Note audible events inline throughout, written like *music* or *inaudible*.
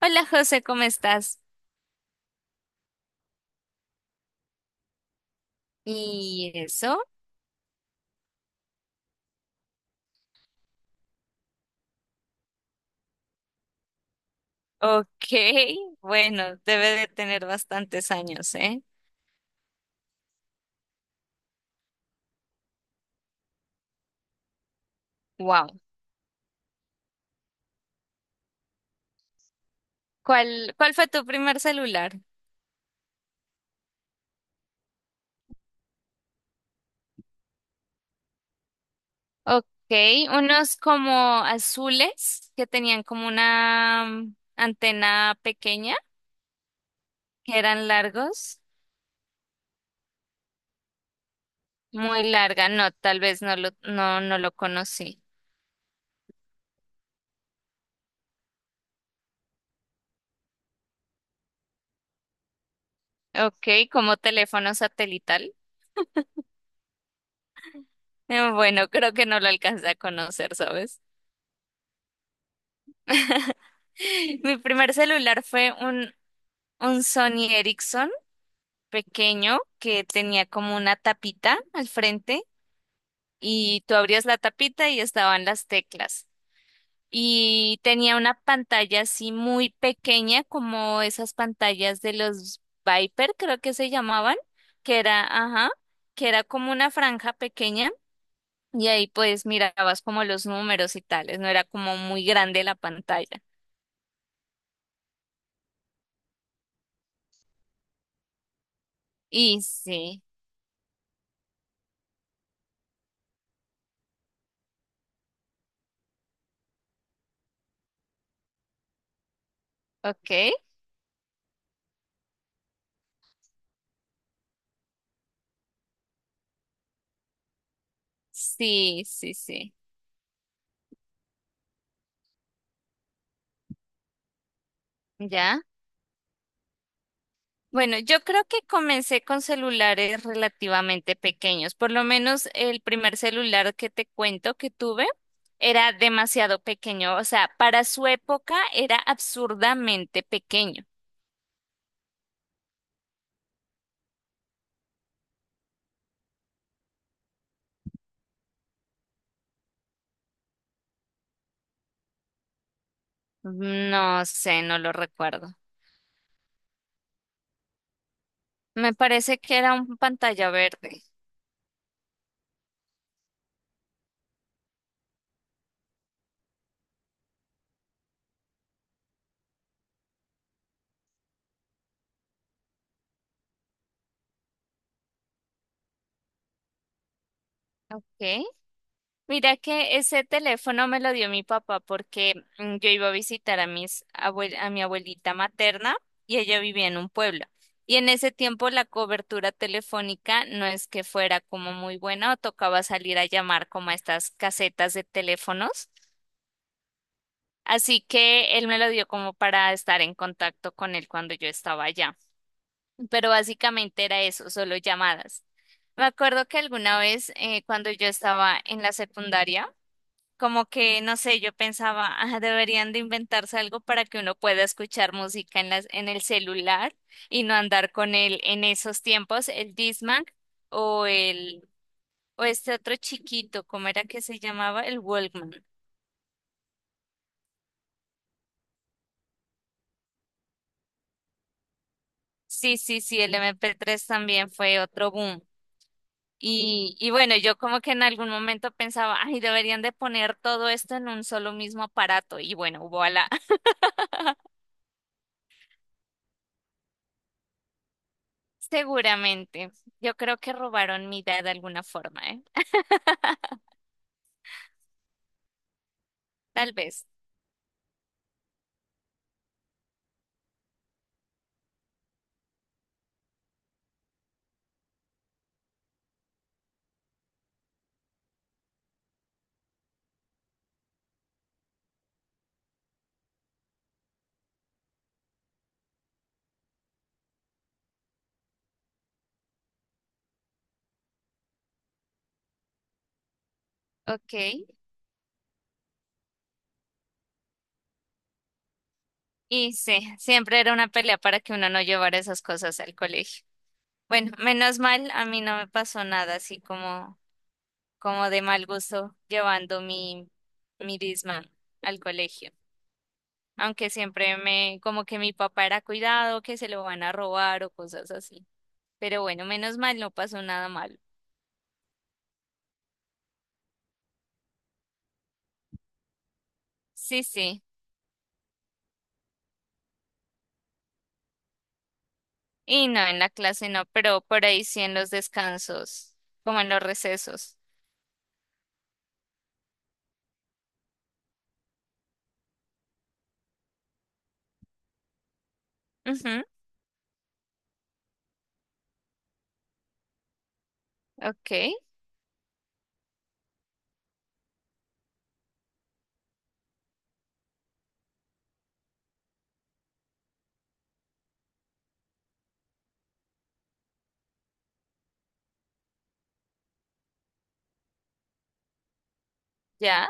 Hola José, ¿cómo estás? ¿Y eso? Ok, bueno, debe de tener bastantes años, ¿eh? Wow. ¿Cuál fue tu primer celular? Ok, unos como azules que tenían como una antena pequeña, que eran largos, muy larga. No, tal vez no lo conocí. Ok, como teléfono satelital. Bueno, creo que no lo alcancé a conocer, ¿sabes? *laughs* Mi primer celular fue un Sony Ericsson pequeño que tenía como una tapita al frente y tú abrías la tapita y estaban las teclas. Y tenía una pantalla así muy pequeña como esas pantallas de los Viper, creo que se llamaban, que era, ajá, que era como una franja pequeña y ahí pues mirabas como los números y tales, no era como muy grande la pantalla. Y sí, ok. Sí, sí, sí. ¿Ya? Bueno, yo creo que comencé con celulares relativamente pequeños. Por lo menos el primer celular que te cuento que tuve era demasiado pequeño. O sea, para su época era absurdamente pequeño. No sé, no lo recuerdo. Me parece que era un pantalla verde. Ok. Mira que ese teléfono me lo dio mi papá porque yo iba a visitar a a mi abuelita materna y ella vivía en un pueblo. Y en ese tiempo la cobertura telefónica no es que fuera como muy buena o tocaba salir a llamar como a estas casetas de teléfonos. Así que él me lo dio como para estar en contacto con él cuando yo estaba allá. Pero básicamente era eso, solo llamadas. Me acuerdo que alguna vez cuando yo estaba en la secundaria, como que, no sé, yo pensaba, *laughs* "Ah, deberían de inventarse algo para que uno pueda escuchar música en las, en el celular y no andar con él en esos tiempos, el Discman o el, o este otro chiquito, ¿cómo era que se llamaba? El Walkman. Sí, sí, sí, el MP3 también fue otro boom. Y bueno, yo como que en algún momento pensaba, ay, deberían de poner todo esto en un solo mismo aparato. Y bueno, voilà, *laughs* seguramente. Yo creo que robaron mi idea de alguna forma, ¿eh? Tal vez. Ok. Y sí, siempre era una pelea para que uno no llevara esas cosas al colegio. Bueno, menos mal, a mí no me pasó nada así como de mal gusto llevando mi Discman al colegio. Aunque siempre como que mi papá era cuidado, que se lo van a robar o cosas así. Pero bueno, menos mal no pasó nada malo. Sí, sí. Y no, en la clase no, pero por ahí sí en los descansos, como en los recesos. Ujú, ok, ya.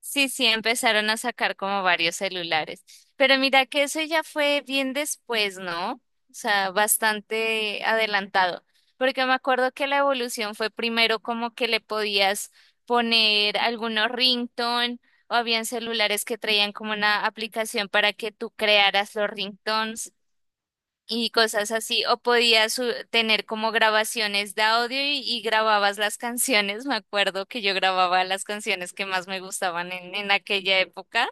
Sí, sí, empezaron a sacar como varios celulares. Pero mira que eso ya fue bien después, ¿no? O sea, bastante adelantado. Porque me acuerdo que la evolución fue primero como que le podías poner algunos ringtone o habían celulares que traían como una aplicación para que tú crearas los ringtones y cosas así, o podías tener como grabaciones de audio y grababas las canciones. Me acuerdo que yo grababa las canciones que más me gustaban en aquella época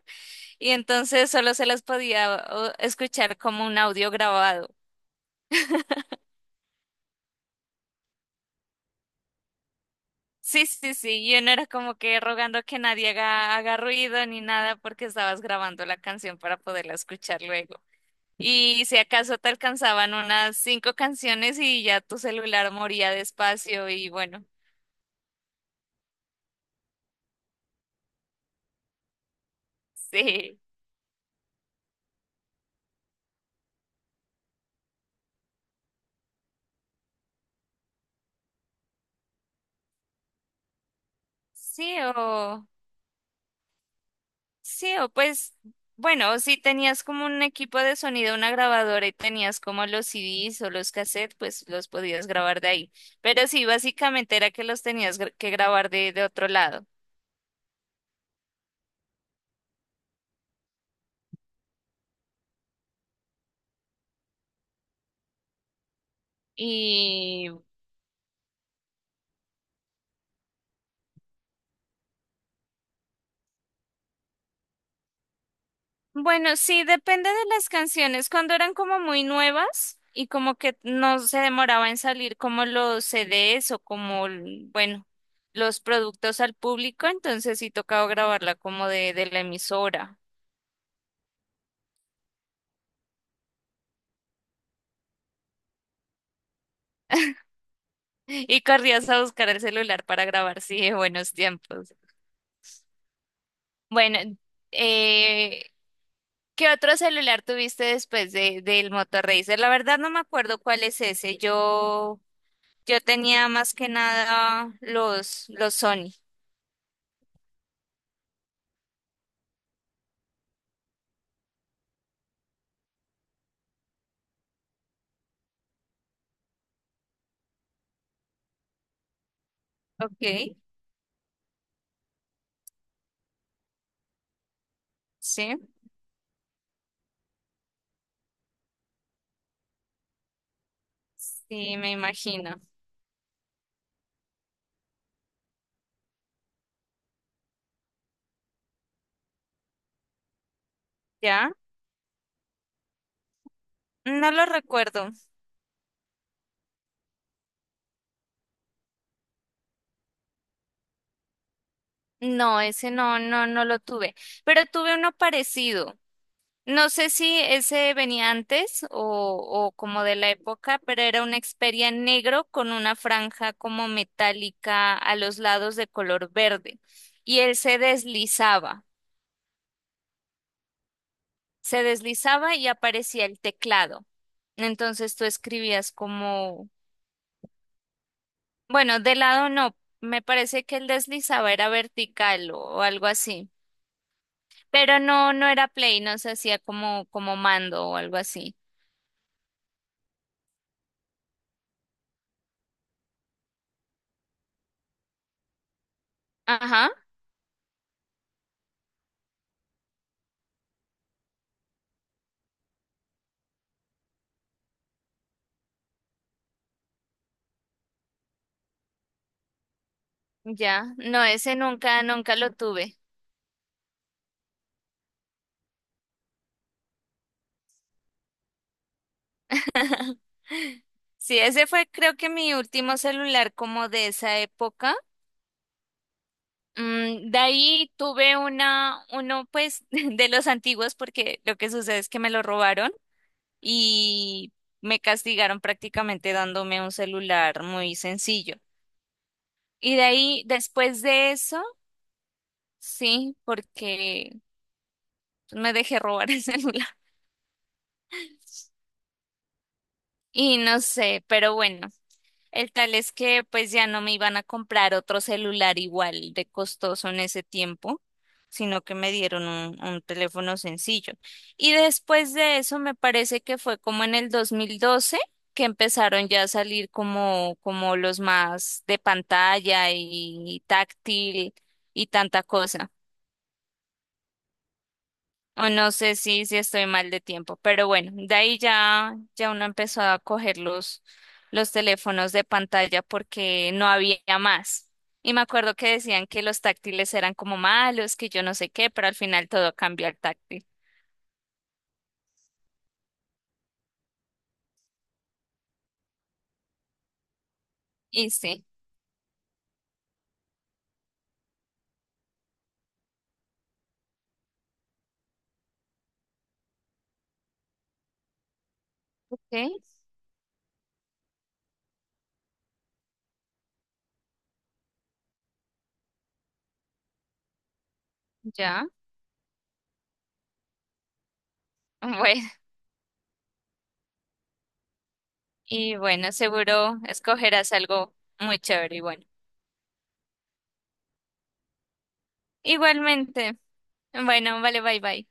y entonces solo se las podía escuchar como un audio grabado. Sí, sí, sí, yo no era como que rogando que nadie haga ruido ni nada porque estabas grabando la canción para poderla escuchar luego. Y si acaso te alcanzaban unas cinco canciones y ya tu celular moría despacio y bueno, *laughs* sí. Sí, o sí, o pues, bueno, o si tenías como un equipo de sonido, una grabadora y tenías como los CDs o los cassettes, pues los podías grabar de ahí. Pero sí, básicamente era que los tenías que grabar de otro lado. Y bueno, sí, depende de las canciones. Cuando eran como muy nuevas y como que no se demoraba en salir como los CDs o bueno, los productos al público, entonces sí tocaba grabarla como de la emisora. Y corrías a buscar el celular para grabar, sí, de buenos tiempos. Bueno, eh, ¿qué otro celular tuviste después del Motorracer? La verdad no me acuerdo cuál es ese. Yo tenía más que nada los Sony. Ok, sí, sí, me imagino. ¿Ya? No lo recuerdo. No, ese no, no, no lo tuve. Pero tuve uno parecido. No sé si ese venía antes o como de la época, pero era una Xperia en negro con una franja como metálica a los lados de color verde. Y él se deslizaba y aparecía el teclado. Entonces tú escribías como, bueno, de lado no, me parece que el deslizaba era vertical o algo así. Pero no, no era play, no se hacía como mando o algo así. Ajá. Ya, no, ese nunca, nunca lo tuve. *gasps* Sí, ese fue creo que mi último celular como de esa época. De ahí tuve uno pues *laughs* de los antiguos porque lo que sucede es que me lo robaron y me castigaron prácticamente dándome un celular muy sencillo. Y de ahí, después de eso, sí, porque me dejé robar el *laughs* celular. Y no sé, pero bueno. El tal es que pues ya no me iban a comprar otro celular igual de costoso en ese tiempo, sino que me dieron un teléfono sencillo. Y después de eso me parece que fue como en el 2012 que empezaron ya a salir como, los más de pantalla y táctil y tanta cosa. O no sé si estoy mal de tiempo, pero bueno, de ahí ya uno empezó a coger los teléfonos de pantalla porque no había más. Y me acuerdo que decían que los táctiles eran como malos, que yo no sé qué, pero al final todo cambió al táctil. Y sí, ok, ya. *laughs* Bueno, y bueno, seguro escogerás algo muy chévere y bueno. Igualmente. Bueno, vale, bye bye.